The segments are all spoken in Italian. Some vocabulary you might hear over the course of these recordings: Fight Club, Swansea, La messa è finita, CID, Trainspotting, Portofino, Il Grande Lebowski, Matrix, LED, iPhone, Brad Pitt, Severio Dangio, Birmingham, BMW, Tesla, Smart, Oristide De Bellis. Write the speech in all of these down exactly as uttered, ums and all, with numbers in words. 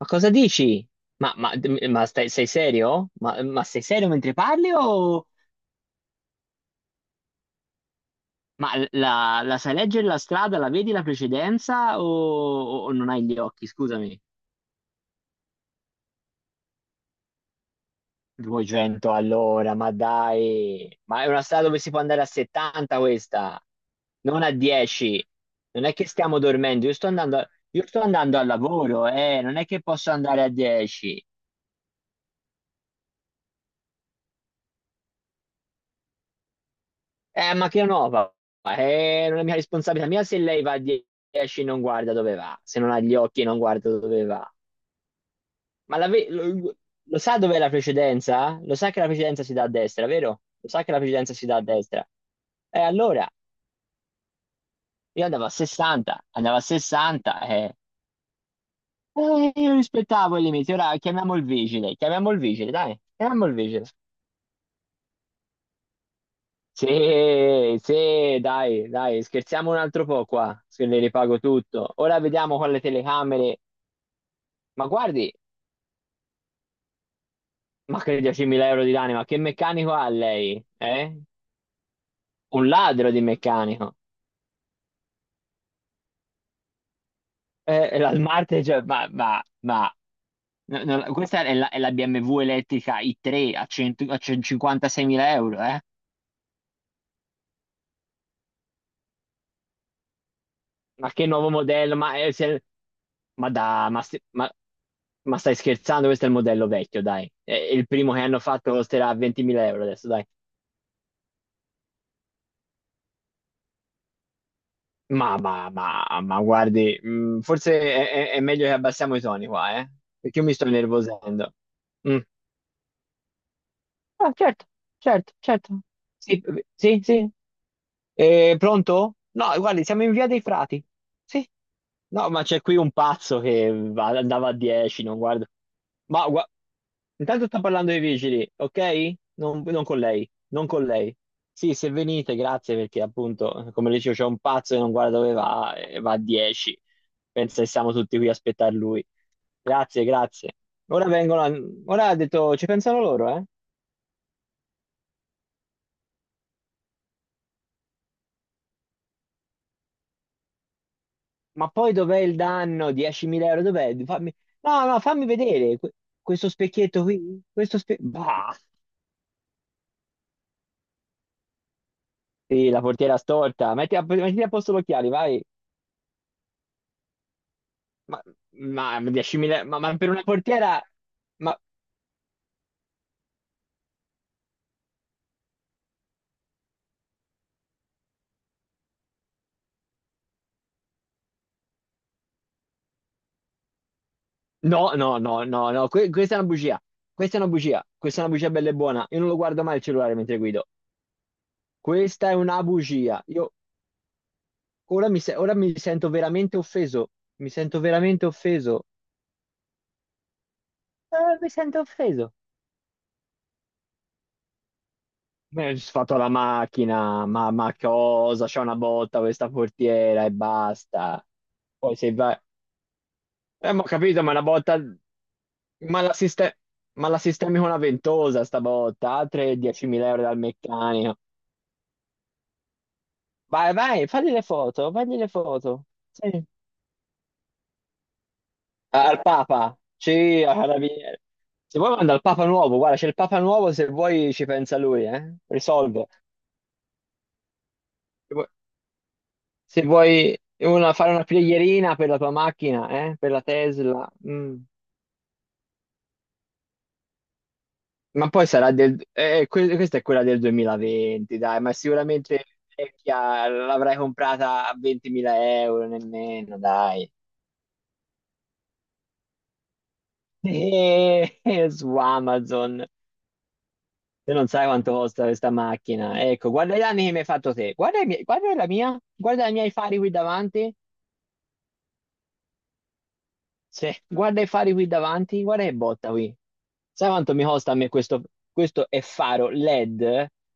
Ma cosa dici? Ma, ma- ma stai- sei serio? Ma, ma sei serio mentre parli o. Ma la, la sai leggere la strada, la vedi la precedenza o, o non hai gli occhi? Scusami. duecento all'ora, ma dai. Ma è una strada dove si può andare a settanta questa, non a dieci. Non è che stiamo dormendo, io sto andando, a- io sto andando al lavoro, eh, non è che posso andare a dieci. Eh, ma che nuova? Eh, non è mia responsabilità mia se lei va a dieci e non guarda dove va, se non ha gli occhi e non guarda dove va. Ma la ve- lo, lo sa dov'è la precedenza? Lo sa che la precedenza si dà a destra, vero? Lo sa che la precedenza si dà a destra. E allora io andavo a sessanta, andavo a sessanta e eh, io rispettavo i limiti. Ora chiamiamo il vigile, chiamiamo il vigile, dai, chiamiamo il vigile. Sì, sì, dai, dai, scherziamo un altro po' qua, se le ripago tutto. Ora vediamo con le telecamere. Ma guardi, ma che diecimila euro di lane, ma che meccanico ha lei? Eh? Un ladro di meccanico. Eh, la Smart, cioè, ma, ma, ma- no, no, questa è la, è la B M W elettrica i tre a, cento a centocinquantaseimila euro, eh? Ma che nuovo modello? Ma, eh, se- ma da, ma, se- ma- ma stai scherzando? Questo è il modello vecchio, dai. Eh, il primo che hanno fatto costerà ventimila euro adesso, dai. Ma, ma, ma, ma guardi, mh, forse è, è- è meglio che abbassiamo i toni qua, eh? Perché io mi sto innervosendo. Mm. Ah, certo, certo, certo. Sì, sì, sì. Eh, pronto? No, guardi, siamo in via dei Frati. Sì. No, ma c'è qui un pazzo che va- andava a dieci, non guarda. Ma gua- intanto sta parlando ai vigili, ok? Non, non con lei, non con lei. Sì, se venite, grazie, perché appunto, come dicevo, c'è un pazzo che non guarda dove va e va a dieci. Pensa che siamo tutti qui a aspettare lui. Grazie, grazie. Ora vengono, a- ora ha detto, ci pensano loro, eh? Ma poi dov'è il danno? diecimila euro, dov'è? Fammi. No, no, fammi vedere que- questo specchietto qui, questo specchietto. Sì, la portiera storta. Metti a, mettiti a posto gli occhiali, vai. Ma, ma diecimila, ma, ma per una portiera. Ma no, no, no, no, no, que- questa è una bugia. Questa è una bugia. Questa è una bugia bella e buona. Io non lo guardo mai il cellulare mentre guido. Questa è una bugia. Io ora mi, se- ora mi sento veramente offeso. Mi sento veramente offeso. Eh, mi sento offeso. Mi ho fatto la macchina, ma, ma cosa? C'è una botta questa portiera e basta. Poi se vai. Eh, ma ho capito, ma una botta. Ma la, siste- ma la sistemi con una ventosa sta botta, altre diecimila euro dal meccanico. Vai, vai, fagli le foto, fagli le foto. Sì. Al Papa, sì, a Carabinieri. Se vuoi manda il Papa nuovo, guarda, c'è il Papa nuovo, se vuoi ci pensa lui, eh? Risolve. Se vuoi se vuoi una- fare una preghierina per la tua macchina, eh? Per la Tesla. Mm. Ma poi sarà del. Eh, que- questa è quella del duemilaventi, dai, ma sicuramente vecchia, l'avrai comprata a ventimila euro, nemmeno, dai. Eh, eh, su Amazon, te non sai quanto costa questa macchina. Ecco, guarda gli anni che mi hai fatto te, guarda, i miei- guarda la mia, guarda i miei fari qui davanti. Se- guarda i fari qui davanti, guarda che botta qui. Sai quanto mi costa a me questo? Questo è faro LED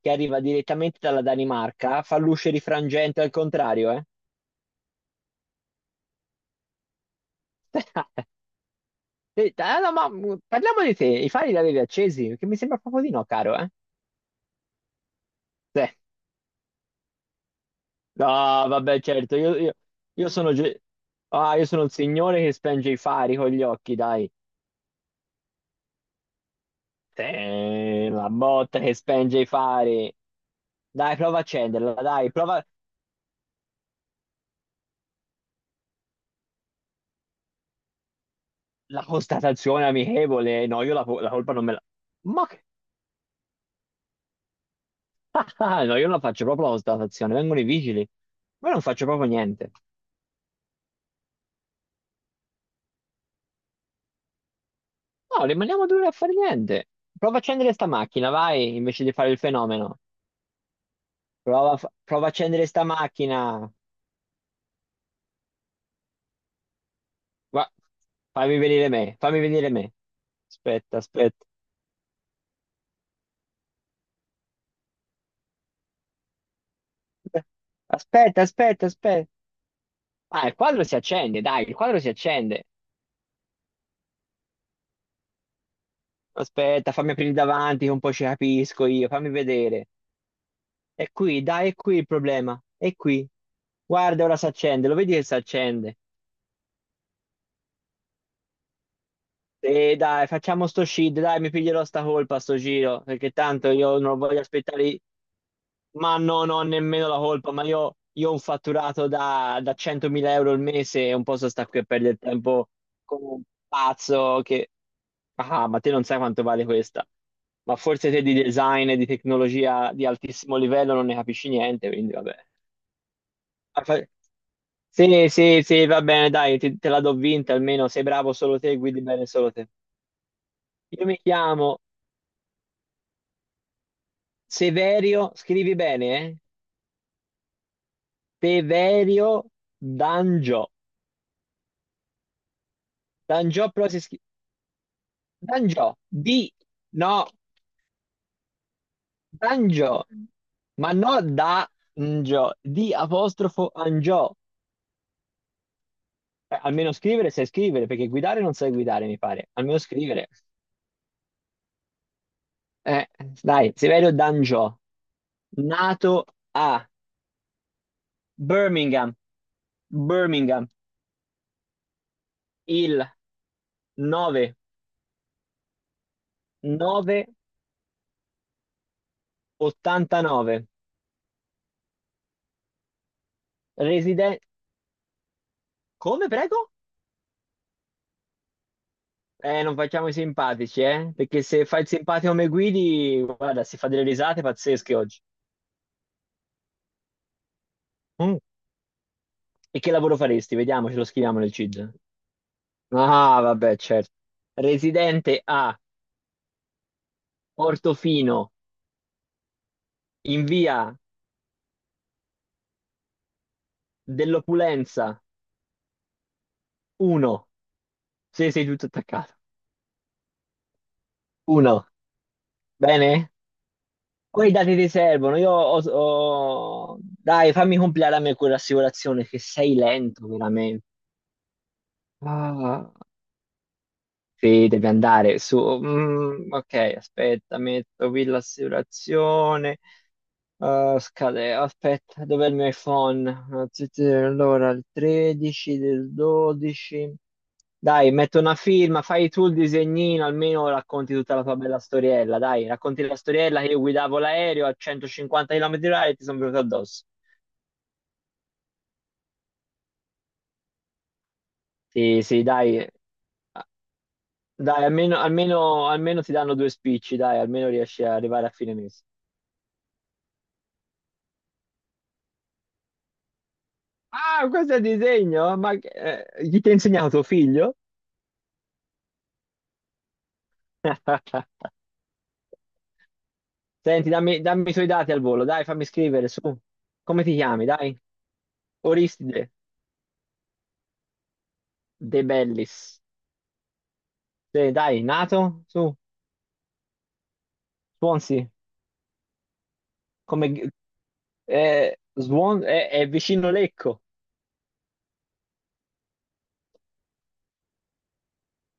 che arriva direttamente dalla Danimarca, fa luce rifrangente al contrario, eh? Eh, eh, eh, no, ma mh, parliamo di te, i fari li avevi accesi? Perché mi sembra proprio di no, caro, eh? Sì. No, vabbè, certo, io, io- io sono, ge- ah, io sono il signore che spenge i fari con gli occhi, dai. Sì, la botta che spenge i fari. Dai, prova a accenderla, dai, prova la constatazione amichevole. No, io la, co- la colpa non me la. Ma che. No, io non la faccio proprio la constatazione, vengono i vigili. Ma io non faccio proprio niente. No, rimaniamo due ore a fare niente. Prova a accendere sta macchina, vai, invece di fare il fenomeno. Prova, a fa- prova a accendere sta macchina. Gua- Fammi venire me, fammi venire me. Aspetta, aspetta. Aspetta, aspetta, aspetta. Ah, il quadro si accende, dai, il quadro si accende. Aspetta, fammi aprire davanti, che un po' ci capisco io, fammi vedere. È qui, dai, è qui il problema. È qui. Guarda, ora si accende, lo vedi che si accende? E dai, facciamo sto shit, dai, mi piglierò sta colpa sto giro, perché tanto io non voglio aspettare, i- ma no, non ho nemmeno la colpa, ma io, io ho un fatturato da, da centomila euro al mese e un po' so sta qui a perdere tempo con un pazzo che. Ah, ma te non sai quanto vale questa. Ma forse te di design e di tecnologia di altissimo livello non ne capisci niente, quindi vabbè. Ah, fa- Sì, sì, sì, va bene, dai, ti- te la do vinta almeno, sei bravo solo te, guidi bene solo te. Io mi chiamo Severio, scrivi bene, eh? Severio Dangio. Dangio però si scrive. Dangio, di. No, Dangio. Ma no Dangio, di apostrofo Angio. Eh, almeno scrivere sai scrivere, perché guidare non sai guidare, mi pare. Almeno scrivere. Eh, dai, Severio Dangio, nato a Birmingham, Birmingham, il nove, novecentottantanove. Residente. Come, prego? Eh, non facciamo i simpatici, eh? Perché se fai il simpatico come guidi, guarda, si fa delle risate pazzesche oggi. Mm. E che lavoro faresti? Vediamo, ce lo scriviamo nel C I D. Ah, vabbè, certo. Residente a Portofino, in via dell'Opulenza uno. Sì, sei tutto attaccato. uno. Bene? Poi i dati ti servono. Io ho... ho- Dai, fammi compilare a me quell'assicurazione, che sei lento, veramente. Ah. Sì, devi andare su. Mm, ok, aspetta, metto qui l'assicurazione. Eh, scade, aspetta, dov'è il mio iPhone? Ah, sì, sì, allora, il tredici del dodici. Dai, metto una firma, fai tu il disegnino, almeno racconti tutta la tua bella storiella. Dai, racconti la storiella che io guidavo l'aereo a centocinquanta chilometri orari e ti sono venuto addosso. Sì, sì, dai, ah, dai, almeno, almeno, almeno ti danno due spicci, dai, almeno riesci ad arrivare a fine mese. Ah, questo è il disegno? Ma che- eh, chi ti ha insegnato tuo figlio? Senti, dammi, dammi i tuoi dati al volo, dai, fammi scrivere su. Come ti chiami, dai? Oristide De Bellis. Sì, dai, nato? Su, Swansea. Come. Eh, Swan... eh, è vicino Lecco.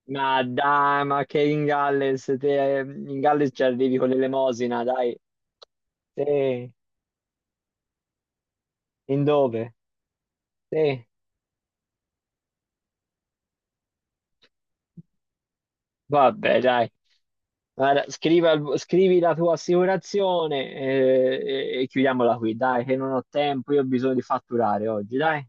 Ma dai, ma che in Galles, te, eh, in Galles ci arrivi con l'elemosina, dai. Sì, in dove? Sì, vabbè, dai. Guarda, scrivi, al- scrivi la tua assicurazione eh, e, e chiudiamola qui, dai, che non ho tempo, io ho bisogno di fatturare oggi, dai.